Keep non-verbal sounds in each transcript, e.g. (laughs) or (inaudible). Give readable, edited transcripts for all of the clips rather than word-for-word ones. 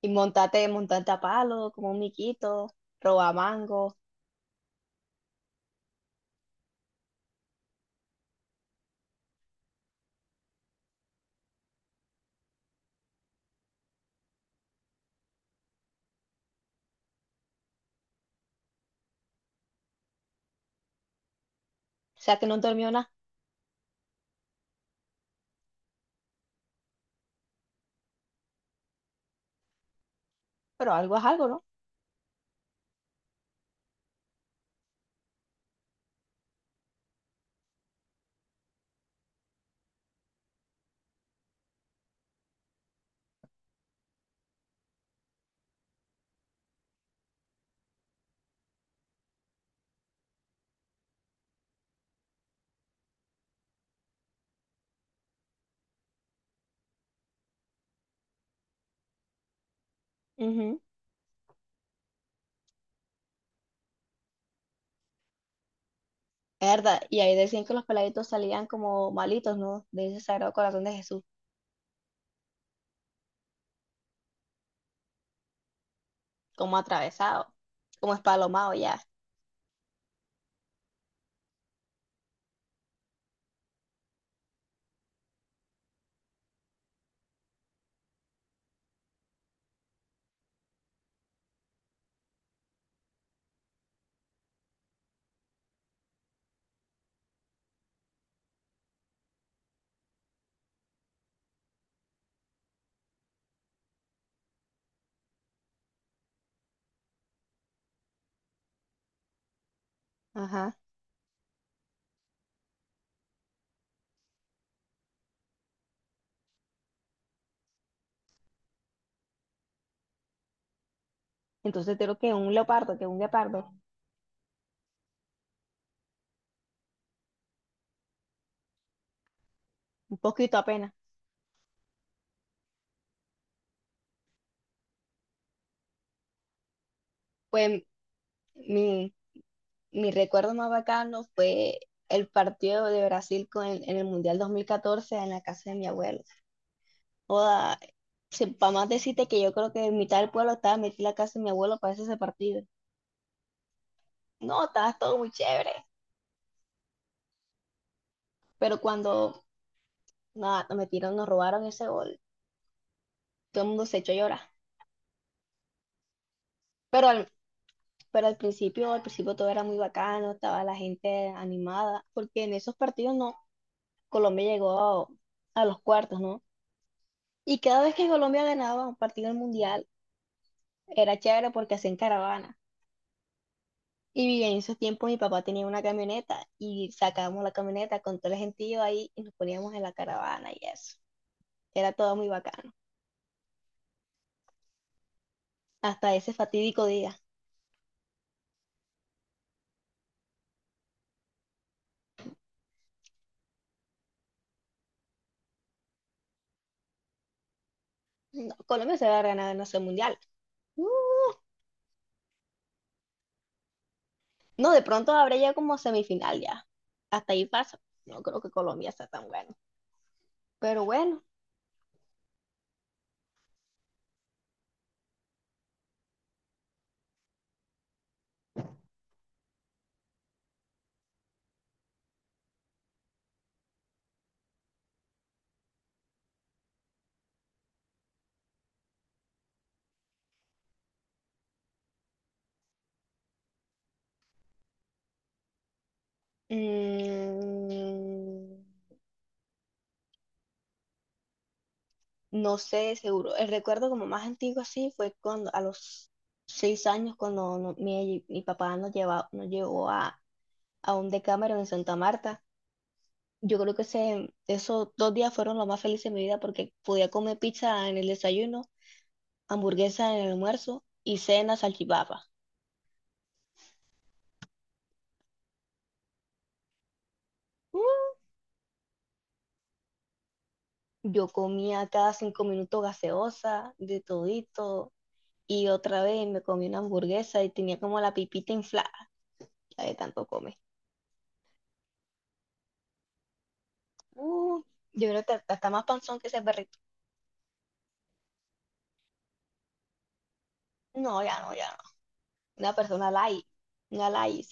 Y montate, montate a palo, como un miquito, roba mango. O sea que no dormió nada, pero algo es algo, ¿no? Ujú. Es verdad. Y ahí decían que los peladitos salían como malitos, ¿no? De ese sagrado corazón de Jesús, como atravesado, como espalomado ya. Ajá. Entonces creo que un leopardo, que un guepardo, un poquito apenas. Pues mi, mi recuerdo más bacano fue el partido de Brasil con en el Mundial 2014 en la casa de mi abuelo. Joda, para más decirte que yo creo que en mitad del pueblo estaba metida la casa de mi abuelo para ese partido. No, estaba todo muy chévere. Pero cuando nada, nos metieron, nos robaron ese gol, todo el mundo se echó a llorar. Pero al, pero al principio todo era muy bacano, estaba la gente animada, porque en esos partidos no, Colombia llegó a los cuartos, ¿no? Y cada vez que Colombia ganaba un partido del mundial, era chévere porque hacían caravana. Y bien, en esos tiempos mi papá tenía una camioneta y sacábamos la camioneta con todo el gentío ahí y nos poníamos en la caravana y eso. Era todo muy bacano. Hasta ese fatídico día. No, Colombia se va a ganar, no sé, mundial. Uh, no, de pronto habrá ya como semifinal ya. Hasta ahí pasa. No creo que Colombia sea tan bueno. Pero bueno, mm, no sé, seguro. El recuerdo como más antiguo así fue cuando a los 6 años cuando mi papá nos lleva, nos llevó a un Decameron en Santa Marta. Yo creo que esos 2 días fueron los más felices de mi vida porque podía comer pizza en el desayuno, hamburguesa en el almuerzo y cena salchipapa. Yo comía cada 5 minutos gaseosa, de todito, y otra vez me comí una hamburguesa y tenía como la pipita inflada, la de tanto comer. Uh, yo creo que está más panzón que ese perrito. No, ya no, ya no. Una persona light, una light,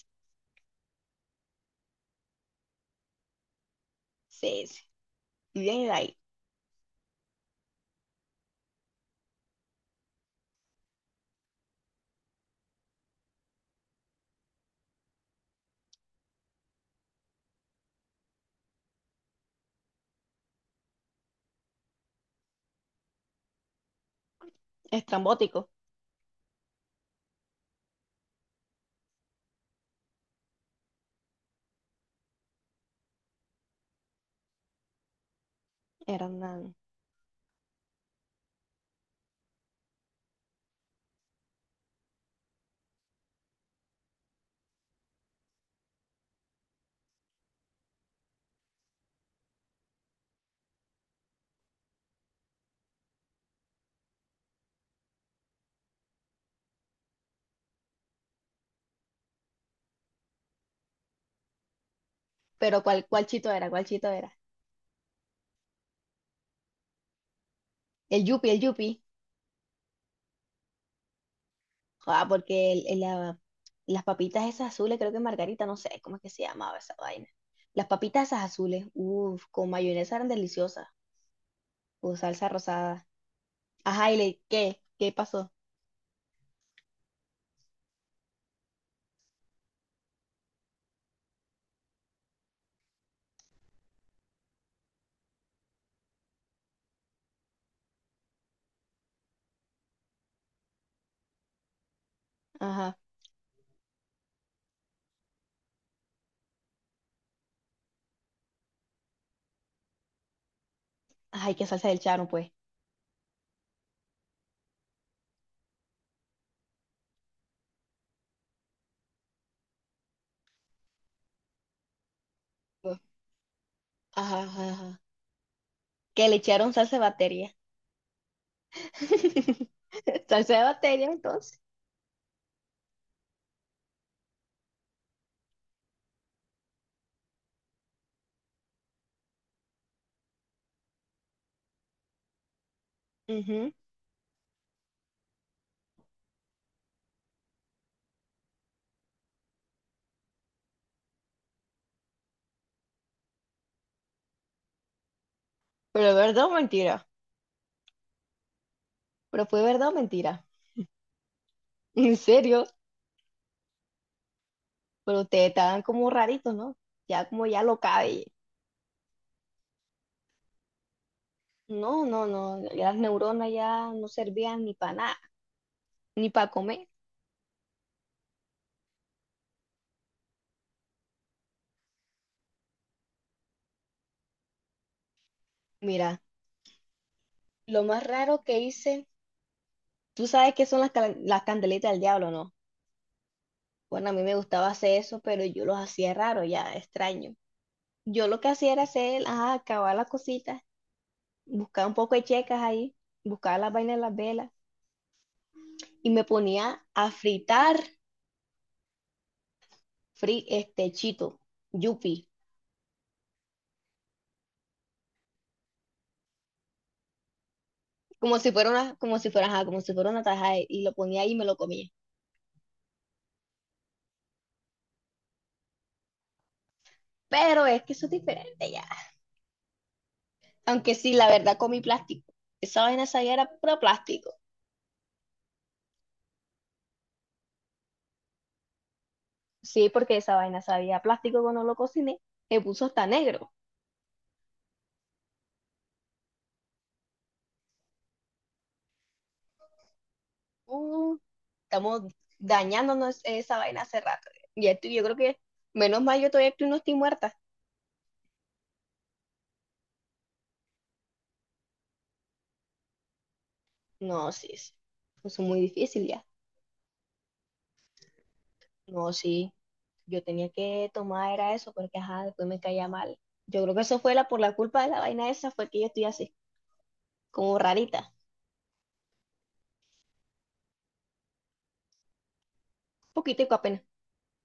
sí, sí. Y bien light, estrambótico. Era una, Pero ¿cuál chito era? ¿Cuál chito era? El Yupi, el Yupi. Ah, porque las papitas esas azules, creo que Margarita, no sé cómo es que se llamaba esa vaina. Las papitas esas azules, uff, con mayonesa eran deliciosas. Con salsa rosada. Ajá, y le, ¿qué? ¿Qué pasó? Ajá. Ay, qué salsa del charo, pues. Ajá, ajá, ajá. Que le echaron salsa de batería. (laughs) Salsa de batería, entonces. Ujú. Pero verdad o mentira. Pero fue verdad o mentira. ¿En serio? Pero ustedes estaban como raritos, ¿no? Ya como ya lo cabe. No, no, no, las neuronas ya no servían ni para nada, ni para comer. Mira, lo más raro que hice, tú sabes que son las, las candelitas del diablo, ¿no? Bueno, a mí me gustaba hacer eso, pero yo los hacía raro, ya extraño. Yo lo que hacía era hacer, ajá, acabar las cositas, buscar un poco de checas ahí, buscar las vainas de las velas y me ponía a fritar, chito, yupi. Como si fuera una, como si fuera, ajá, como si fuera una tajada y lo ponía ahí y me lo comía. Pero es que eso es diferente ya. Aunque sí, la verdad comí plástico. Esa vaina sabía era puro plástico. Sí, porque esa vaina sabía a plástico cuando lo cociné. Me puso hasta negro. Uh, estamos dañándonos esa vaina hace rato. Yo creo que, menos mal yo todavía estoy, no estoy muerta. No, sí, sí. Eso es muy difícil ya. No, sí. Yo tenía que tomar era eso porque ajá, después me caía mal. Yo creo que eso fue la culpa de la vaina esa fue que yo estoy así, como rarita, poquitico apenas.